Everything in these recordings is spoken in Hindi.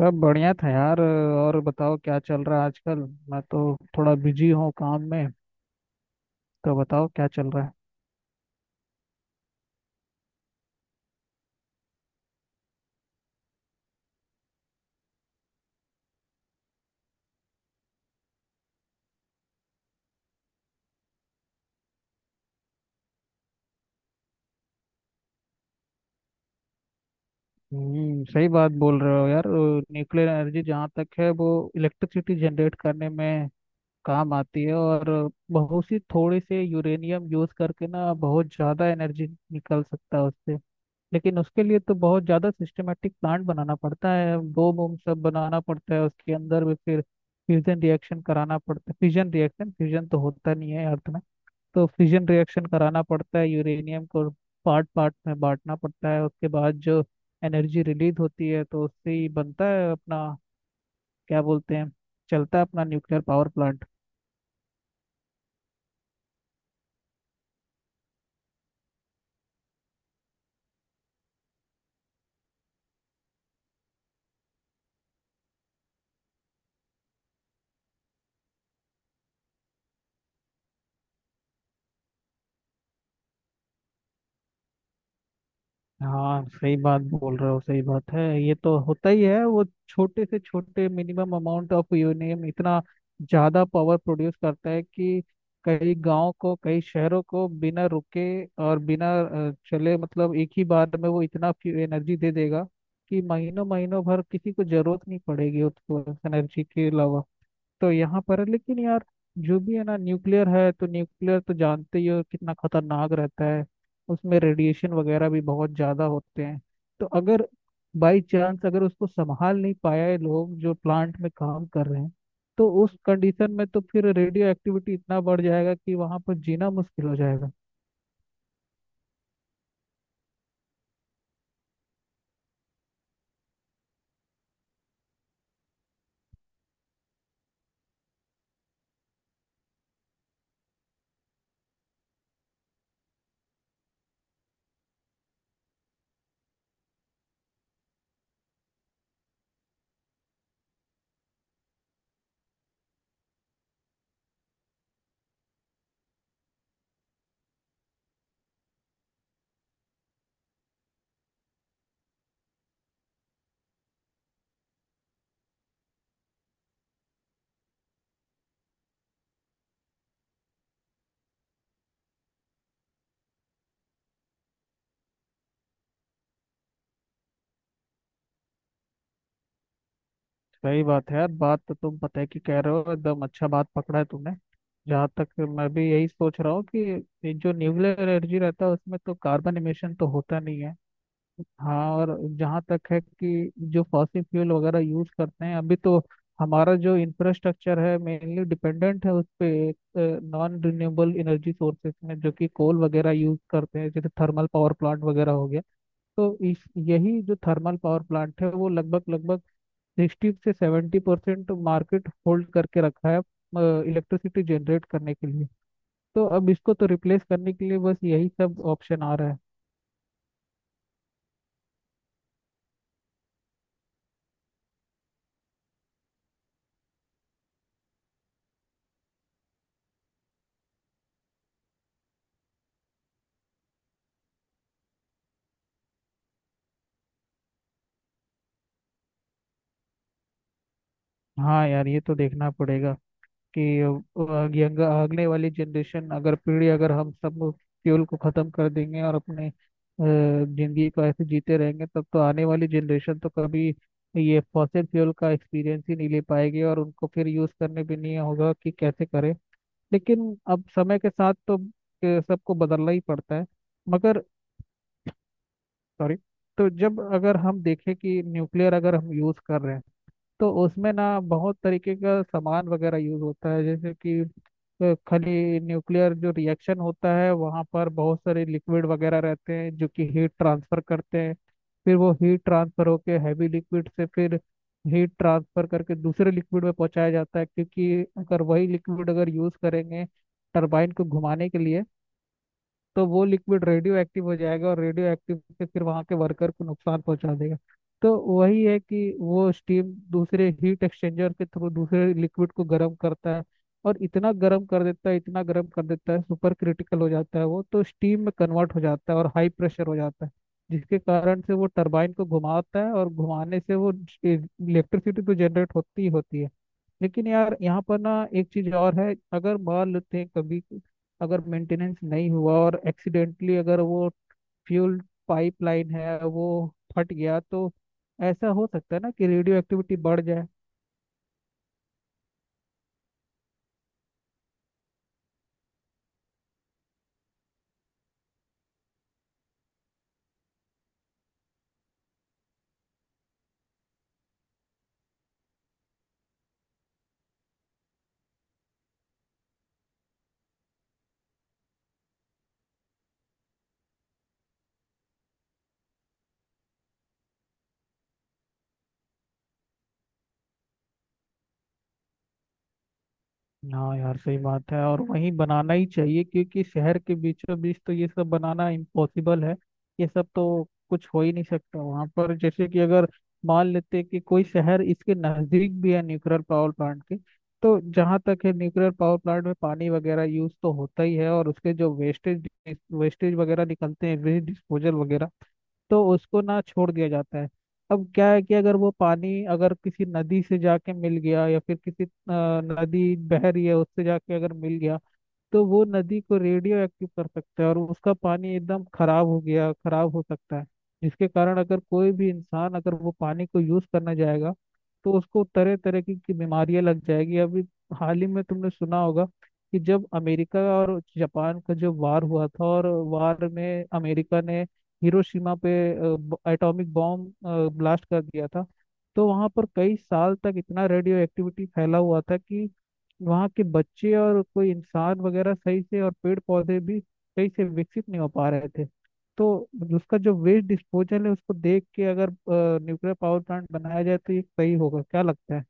सब बढ़िया था यार। और बताओ क्या चल रहा है आजकल। मैं तो थोड़ा बिजी हूँ काम में। तो बताओ क्या चल रहा है। हम्म, सही बात बोल रहे हो यार। न्यूक्लियर एनर्जी जहाँ तक है वो इलेक्ट्रिसिटी जनरेट करने में काम आती है। और बहुत सी थोड़ी से यूरेनियम यूज करके ना बहुत ज़्यादा एनर्जी निकल सकता है उससे। लेकिन उसके लिए तो बहुत ज़्यादा सिस्टमेटिक प्लांट बनाना पड़ता है, बोम वोम सब बनाना पड़ता है उसके अंदर भी। फिर फ्यूजन रिएक्शन कराना पड़ता है, फ्यूजन रिएक्शन फ्यूजन तो होता नहीं है अर्थ में। तो फिजन रिएक्शन कराना पड़ता है, यूरेनियम को पार्ट पार्ट में बांटना पड़ता है। उसके बाद जो एनर्जी रिलीज होती है तो उससे ही बनता है अपना क्या बोलते हैं, चलता है अपना न्यूक्लियर पावर प्लांट। हाँ सही बात बोल रहे हो, सही बात है। ये तो होता ही है वो छोटे से छोटे मिनिमम अमाउंट ऑफ यूरेनियम इतना ज्यादा पावर प्रोड्यूस करता है कि कई गांव को कई शहरों को बिना रुके और बिना चले मतलब एक ही बार में वो इतना एनर्जी दे देगा कि महीनों महीनों भर किसी को जरूरत नहीं पड़ेगी उसको एनर्जी के अलावा। तो यहाँ पर है लेकिन यार जो भी है ना न्यूक्लियर है तो न्यूक्लियर तो जानते ही हो कितना खतरनाक रहता है। उसमें रेडिएशन वगैरह भी बहुत ज़्यादा होते हैं। तो अगर बाई चांस अगर उसको संभाल नहीं पाया है लोग जो प्लांट में काम कर रहे हैं, तो उस कंडीशन में तो फिर रेडियो एक्टिविटी इतना बढ़ जाएगा कि वहाँ पर जीना मुश्किल हो जाएगा। सही बात है यार, बात तो तुम पता है कि कह रहे हो, एकदम अच्छा बात पकड़ा है तुमने। जहाँ तक मैं भी यही सोच रहा हूँ कि ये जो न्यूक्लियर एनर्जी रहता है उसमें तो कार्बन एमिशन तो होता नहीं है। हाँ, और जहाँ तक है कि जो फॉसिल फ्यूल वगैरह यूज करते हैं अभी तो, हमारा जो इंफ्रास्ट्रक्चर है मेनली डिपेंडेंट है उस पे नॉन रिन्यूएबल एनर्जी सोर्सेज में, जो कि कोल वगैरह यूज करते हैं जैसे थर्मल पावर प्लांट वगैरह हो गया। तो इस यही जो थर्मल पावर प्लांट है वो लगभग लगभग 60 से 70% मार्केट होल्ड करके रखा है इलेक्ट्रिसिटी जनरेट करने के लिए। तो अब इसको तो रिप्लेस करने के लिए बस यही सब ऑप्शन आ रहा है। हाँ यार ये तो देखना पड़ेगा कि यंग आगने वाली जनरेशन अगर, पीढ़ी अगर हम सब फ्यूल को खत्म कर देंगे और अपने जिंदगी को ऐसे जीते रहेंगे तब तो आने वाली जनरेशन तो कभी ये फॉसिल फ्यूल का एक्सपीरियंस ही नहीं ले पाएगी और उनको फिर यूज करने भी नहीं होगा कि कैसे करें। लेकिन अब समय के साथ तो सबको बदलना ही पड़ता है। मगर सॉरी, तो जब अगर हम देखें कि न्यूक्लियर अगर हम यूज़ कर रहे हैं तो उसमें ना बहुत तरीके का सामान वगैरह यूज होता है, जैसे कि खाली न्यूक्लियर जो रिएक्शन होता है वहाँ पर बहुत सारे लिक्विड वगैरह रहते हैं जो कि हीट ट्रांसफर करते हैं। फिर वो हीट ट्रांसफर होके हैवी लिक्विड से फिर हीट ट्रांसफर करके दूसरे लिक्विड में पहुंचाया जाता है। क्योंकि अगर वही लिक्विड अगर यूज करेंगे टरबाइन को घुमाने के लिए, तो वो लिक्विड रेडियो एक्टिव हो जाएगा और रेडियो एक्टिव से फिर वहाँ के वर्कर को नुकसान पहुंचा देगा। तो वही है कि वो स्टीम दूसरे हीट एक्सचेंजर के थ्रू दूसरे लिक्विड को गर्म करता है। और इतना गर्म कर देता है, इतना गर्म कर देता है, सुपर क्रिटिकल हो जाता है वो तो, स्टीम में कन्वर्ट हो जाता है और हाई प्रेशर हो जाता है। जिसके कारण से वो टरबाइन को घुमाता है, और घुमाने से वो इलेक्ट्रिसिटी तो जनरेट होती ही होती है। लेकिन यार यहाँ पर ना एक चीज और है, अगर मान लेते हैं कभी कि अगर मेंटेनेंस नहीं हुआ और एक्सीडेंटली अगर वो फ्यूल पाइपलाइन है वो फट गया तो ऐसा हो सकता है ना कि रेडियो एक्टिविटी बढ़ जाए। हाँ यार सही बात है, और वहीं बनाना ही चाहिए क्योंकि शहर के बीचों बीच तो ये सब बनाना इम्पॉसिबल है। ये सब तो कुछ हो ही नहीं सकता वहाँ पर। जैसे कि अगर मान लेते कि कोई शहर इसके नज़दीक भी है न्यूक्लियर पावर प्लांट के, तो जहाँ तक है न्यूक्लियर पावर प्लांट में पानी वगैरह यूज तो होता ही है और उसके जो वेस्टेज वेस्टेज वगैरह निकलते हैं, वेस्ट डिस्पोजल वगैरह, तो उसको ना छोड़ दिया जाता है। अब क्या है कि अगर वो पानी अगर किसी नदी से जाके मिल गया, या फिर किसी नदी बह रही है उससे जाके अगर मिल गया, तो वो नदी को रेडियो एक्टिव कर सकता है और उसका पानी एकदम खराब हो गया, खराब हो सकता है। जिसके कारण अगर कोई भी इंसान अगर वो पानी को यूज करना जाएगा तो उसको तरह तरह की बीमारियां लग जाएगी। अभी हाल ही में तुमने सुना होगा कि जब अमेरिका और जापान का जो वार हुआ था, और वार में अमेरिका ने हिरोशिमा पे एटॉमिक बॉम्ब ब्लास्ट कर दिया था, तो वहां पर कई साल तक इतना रेडियो एक्टिविटी फैला हुआ था कि वहाँ के बच्चे और कोई इंसान वगैरह सही से, और पेड़ पौधे भी सही से विकसित नहीं हो पा रहे थे। तो उसका जो वेस्ट डिस्पोजल है उसको देख के अगर न्यूक्लियर पावर प्लांट बनाया जाए तो ये सही होगा, क्या लगता है?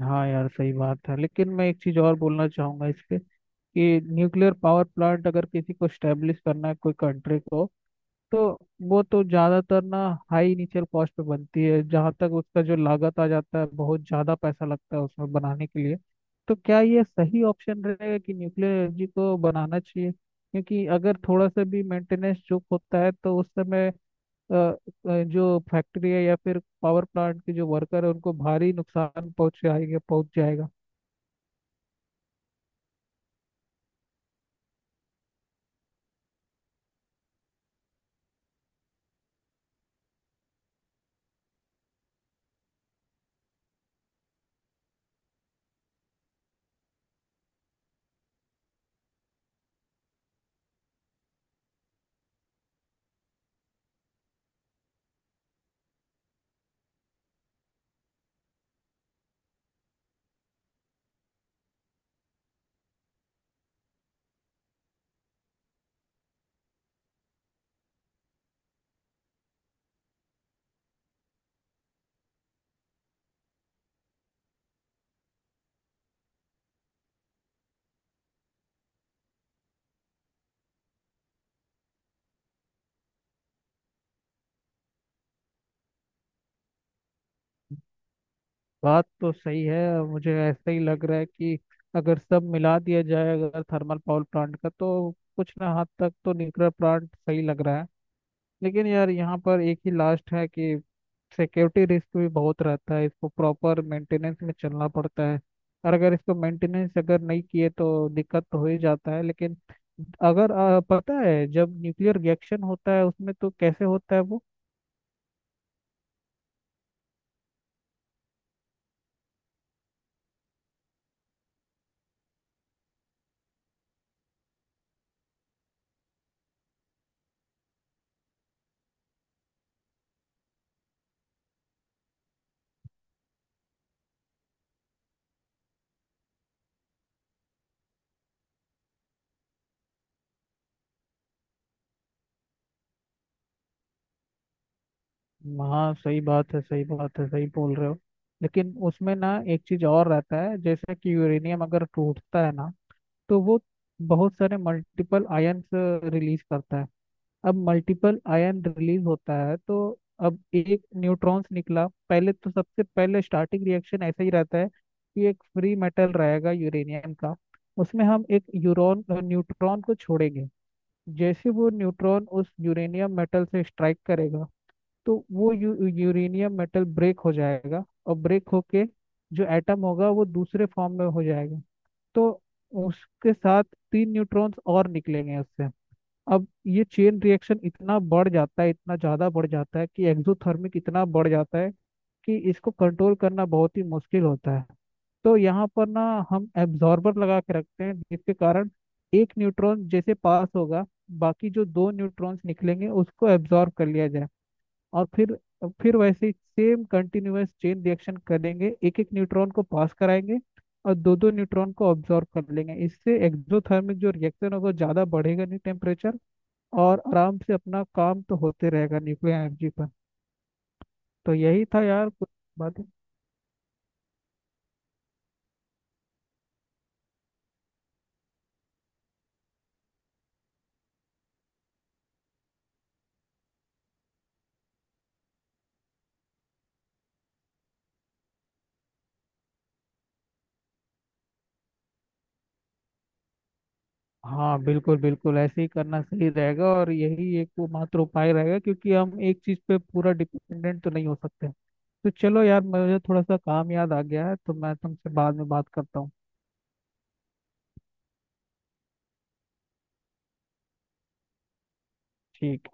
हाँ यार सही बात है, लेकिन मैं एक चीज़ और बोलना चाहूँगा इस पे, कि न्यूक्लियर पावर प्लांट अगर किसी को स्टेब्लिश करना है कोई कंट्री को, तो वो तो ज्यादातर ना हाई इनिशियल कॉस्ट पे बनती है। जहाँ तक उसका जो लागत आ जाता है बहुत ज्यादा पैसा लगता है उसमें बनाने के लिए। तो क्या ये सही ऑप्शन रहेगा कि न्यूक्लियर एनर्जी को बनाना चाहिए? क्योंकि अगर थोड़ा सा भी मेंटेनेंस चूक होता है तो उस समय अ, अ, जो फैक्ट्री है या फिर पावर प्लांट के जो वर्कर है उनको भारी नुकसान पहुंच जाएगा, पहुंच जाएगा। बात तो सही है, मुझे ऐसा ही लग रहा है कि अगर सब मिला दिया जाए अगर थर्मल पावर प्लांट का, तो कुछ ना हद तक तो न्यूक्लियर प्लांट सही लग रहा है। लेकिन यार यहाँ पर एक ही लास्ट है कि सिक्योरिटी रिस्क भी बहुत रहता है, इसको प्रॉपर मेंटेनेंस में चलना पड़ता है। और अगर इसको मेंटेनेंस अगर नहीं किए तो दिक्कत तो हो ही जाता है। लेकिन अगर पता है जब न्यूक्लियर रिएक्शन होता है उसमें तो कैसे होता है? हाँ सही बात है, सही बात है, सही बोल रहे हो। लेकिन उसमें ना एक चीज और रहता है, जैसे कि यूरेनियम अगर टूटता है ना तो वो बहुत सारे मल्टीपल आयन रिलीज करता है। अब मल्टीपल आयन रिलीज होता है तो, अब एक न्यूट्रॉन्स निकला, पहले तो सबसे पहले स्टार्टिंग रिएक्शन ऐसा ही रहता है कि एक फ्री मेटल रहेगा यूरेनियम का, उसमें हम एक यूरोन न्यूट्रॉन को छोड़ेंगे। जैसे वो न्यूट्रॉन उस यूरेनियम मेटल से स्ट्राइक करेगा तो वो यूरेनियम मेटल ब्रेक हो जाएगा और ब्रेक होके जो एटम होगा वो दूसरे फॉर्म में हो जाएगा। तो उसके साथ 3 न्यूट्रॉन्स और निकलेंगे उससे। अब ये चेन रिएक्शन इतना बढ़ जाता है, इतना ज़्यादा बढ़ जाता है कि एक्सोथर्मिक इतना बढ़ जाता है कि इसको कंट्रोल करना बहुत ही मुश्किल होता है। तो यहाँ पर ना हम एब्जॉर्बर लगा के रखते हैं, जिसके कारण एक न्यूट्रॉन जैसे पास होगा बाकी जो दो न्यूट्रॉन्स निकलेंगे उसको एब्जॉर्ब कर लिया जाए। और फिर वैसे ही सेम कंटिन्यूअस चेन रिएक्शन करेंगे, एक एक न्यूट्रॉन को पास कराएंगे और दो दो न्यूट्रॉन को ऑब्जॉर्व कर लेंगे। इससे एक्सोथर्मिक जो रिएक्शन होगा ज़्यादा बढ़ेगा नहीं, टेम्परेचर, और आराम से अपना काम तो होते रहेगा न्यूक्लियर एनर्जी पर। तो यही था यार कुछ बातें। हाँ बिल्कुल बिल्कुल ऐसे ही करना सही रहेगा, और यही एक वो मात्र उपाय रहेगा क्योंकि हम एक चीज़ पे पूरा डिपेंडेंट तो नहीं हो सकते। तो चलो यार मुझे थोड़ा सा काम याद आ गया है तो मैं तुमसे बाद में बात करता हूँ। ठीक।